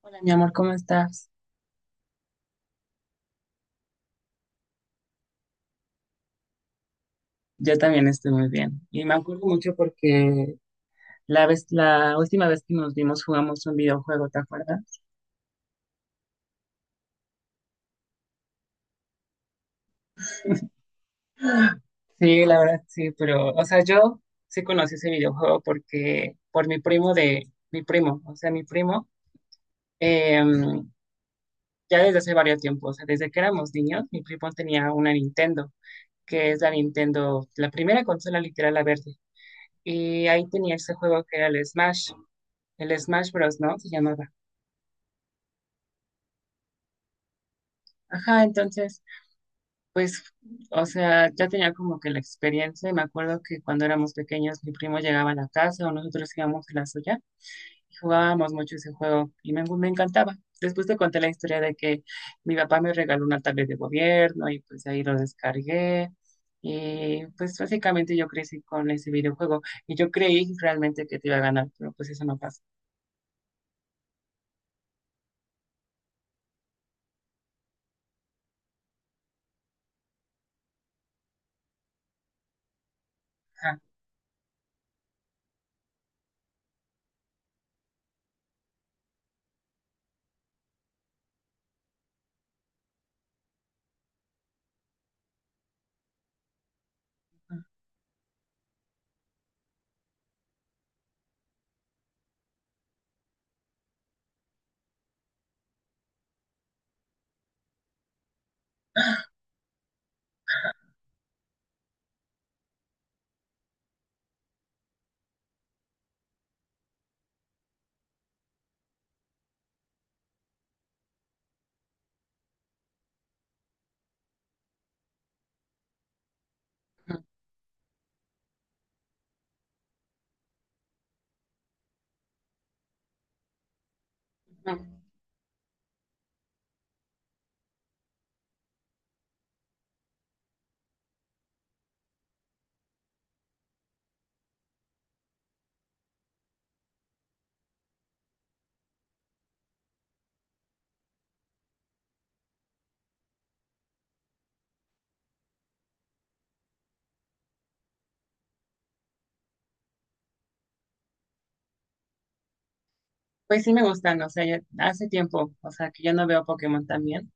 Hola, mi amor, ¿cómo estás? Yo también estoy muy bien. Y me acuerdo mucho porque la última vez que nos vimos jugamos un videojuego, ¿te acuerdas? Sí, la verdad, sí, pero, o sea, yo sí conocí ese videojuego porque, por mi primo de, mi primo, o sea, mi primo, eh, ya desde hace varios tiempos, o sea, desde que éramos niños, mi primo tenía una Nintendo, que es la Nintendo, la primera consola literal, la verde. Y ahí tenía ese juego que era el Smash. El Smash Bros, ¿no? Se llamaba. Ajá, entonces pues, o sea, ya tenía como que la experiencia y me acuerdo que cuando éramos pequeños mi primo llegaba a la casa o nosotros íbamos a la suya y jugábamos mucho ese juego y me encantaba. Después te conté la historia de que mi papá me regaló una tablet de gobierno y pues ahí lo descargué y pues básicamente yo crecí con ese videojuego y yo creí realmente que te iba a ganar, pero pues eso no pasa. Ajá. Ujú. Pues sí me gustan, o sea, ya hace tiempo, o sea, que yo no veo Pokémon también,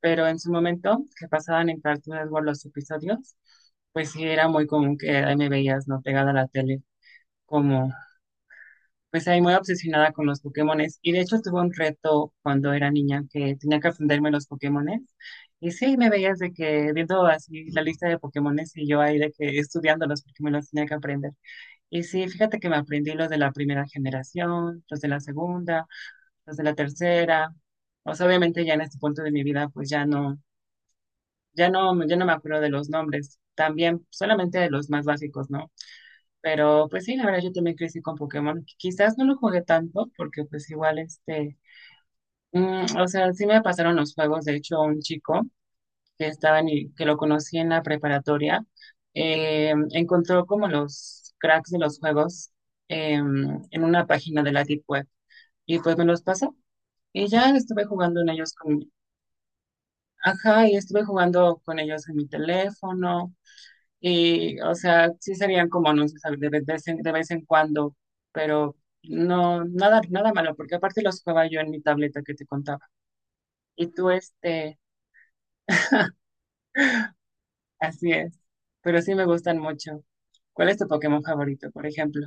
pero en su momento, que pasaban en Cartoon Network los episodios, pues sí era muy común que ahí me veías, ¿no? Pegada a la tele, como, pues ahí muy obsesionada con los Pokémones. Y de hecho tuve un reto cuando era niña que tenía que aprenderme los Pokémones. Y sí, me veías de que viendo así la lista de Pokémones y yo ahí de que estudiándolos porque me los tenía que aprender. Y sí, fíjate que me aprendí los de la primera generación, los de la segunda, los de la tercera. O sea, obviamente ya en este punto de mi vida, pues ya no, ya no, ya no me acuerdo de los nombres, también solamente de los más básicos, ¿no? Pero pues sí, la verdad yo también crecí con Pokémon. Quizás no lo jugué tanto porque pues igual este, o sea, sí me pasaron los juegos, de hecho, un chico que lo conocí en la preparatoria, encontró como los cracks de los juegos en una página de la Deep Web y pues me los pasó y ya estuve jugando ajá, y estuve jugando con ellos en mi teléfono. Y, o sea, sí serían como de vez en cuando, pero no, nada malo, porque aparte los jugaba yo en mi tableta que te contaba. Y tú, este, así es, pero sí me gustan mucho. ¿Cuál es tu Pokémon favorito, por ejemplo?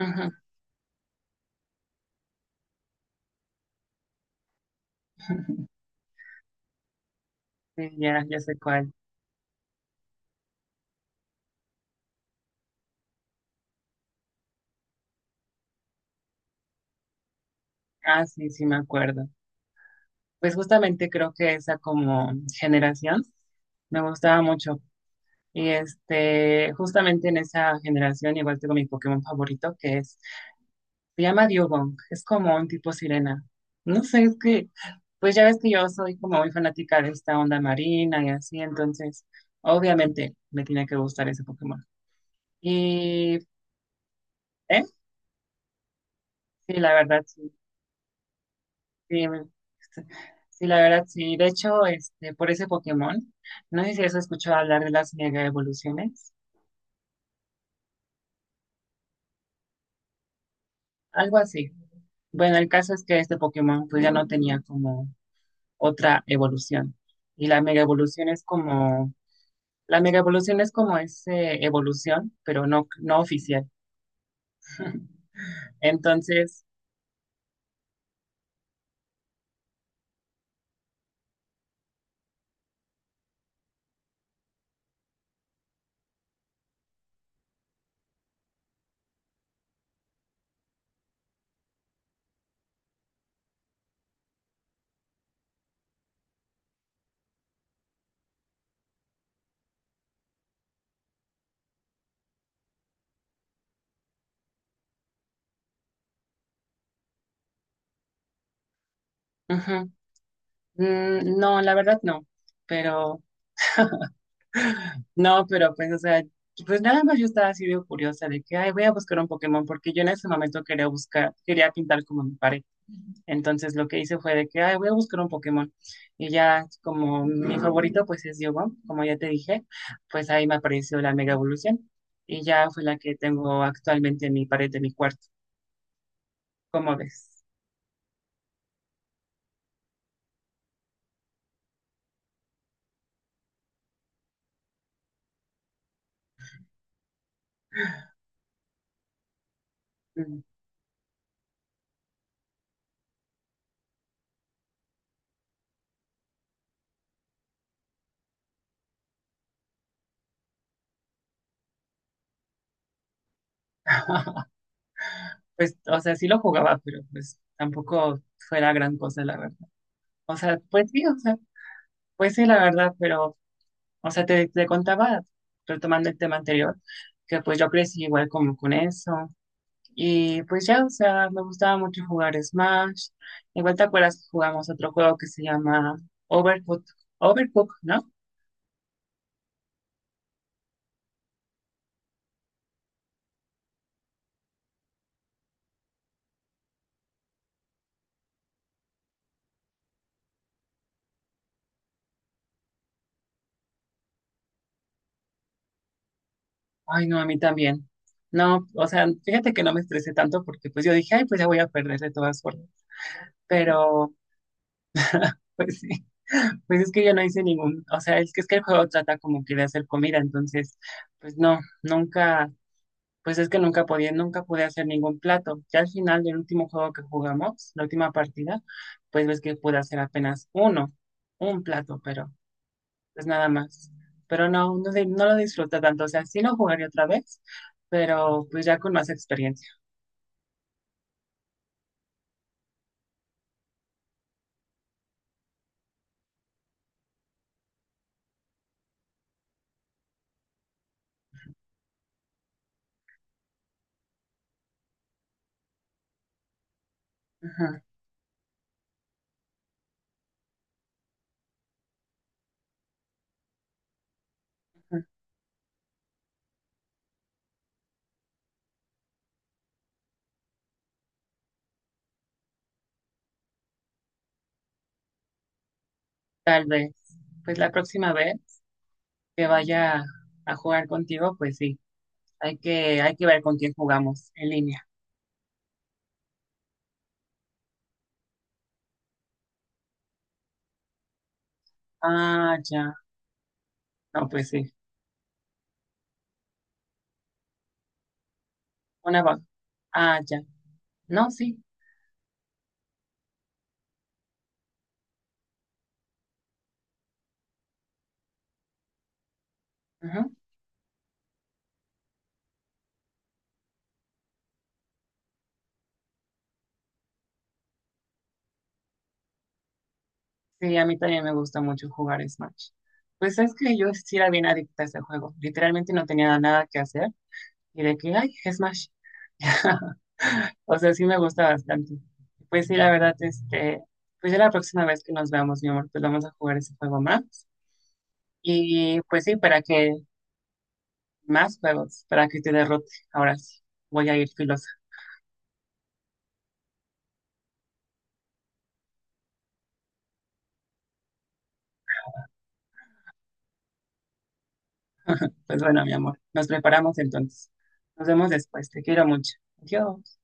Ujú. Sí, ya, ya sé cuál. Ah, sí, sí me acuerdo. Pues justamente creo que esa como generación me gustaba mucho. Y este, justamente en esa generación igual tengo mi Pokémon favorito, que es... Se llama Diogong, es como un tipo sirena. No sé, es que, pues ya ves que yo soy como muy fanática de esta onda marina y así, entonces, obviamente me tiene que gustar ese Pokémon. Y, ¿eh? Sí, la verdad, sí, sí, sí, la verdad, sí. De hecho, este, por ese Pokémon, no sé si has escuchado hablar de las mega evoluciones, algo así. Bueno, el caso es que este Pokémon, pues ya no tenía como otra evolución. Y la mega evolución es como ese evolución, pero no, no oficial. Entonces, ujú, mm, no, la verdad no. Pero, no, pero pues, o sea, pues nada más yo estaba así de curiosa de que, ay, voy a buscar un Pokémon, porque yo en ese momento quería buscar, quería pintar como mi pared. Entonces lo que hice fue de que, ay, voy a buscar un Pokémon. Y ya, como mi favorito, pues es Yogon, como ya te dije, pues ahí me apareció la mega evolución. Y ya fue la que tengo actualmente en mi pared de mi cuarto. ¿Cómo ves? Mm. Pues, o sea, sí lo jugaba, pero pues tampoco fue la gran cosa, la verdad. O sea, pues sí, o sea, pues sí, la verdad, pero, o sea, te contaba, retomando el tema anterior, que pues yo crecí igual como con eso. Y pues ya, o sea, me gustaba mucho jugar Smash. Igual te acuerdas que jugamos otro juego que se llama Overcooked, Overcooked, ¿no? Ay, no, a mí también. No, o sea, fíjate que no me estresé tanto porque pues yo dije, ay, pues ya voy a perder de todas formas. Pero... pues sí, pues es que yo no hice ningún, o sea, es que el juego trata como que de hacer comida, entonces, pues no, nunca, pues es que nunca podía, nunca pude hacer ningún plato. Ya al final del último juego que jugamos, la última partida, pues ves que pude hacer apenas uno, un plato, pero pues nada más. Pero no, no, no lo disfruto tanto, o sea, sí lo jugaría otra vez, pero pues ya con más experiencia. Ujú. Tal vez. Pues la próxima vez que vaya a jugar contigo, pues sí, hay que ver con quién jugamos en línea. Ah, ya. No, pues sí. Una va. Ah, ya. No, sí. Ujú. Sí, a mí también me gusta mucho jugar Smash. Pues es que yo sí era bien adicta a ese juego. Literalmente no tenía nada que hacer. Y de que, ay, Smash. O sea, sí me gusta bastante. Pues sí, la verdad, este, pues ya la próxima vez que nos veamos, mi amor, pues vamos a jugar ese juego más. Y pues sí, para que más juegos, para que te derrote. Ahora sí, voy a ir filosa. Pues bueno, mi amor, nos preparamos entonces. Nos vemos después. Te quiero mucho. Adiós.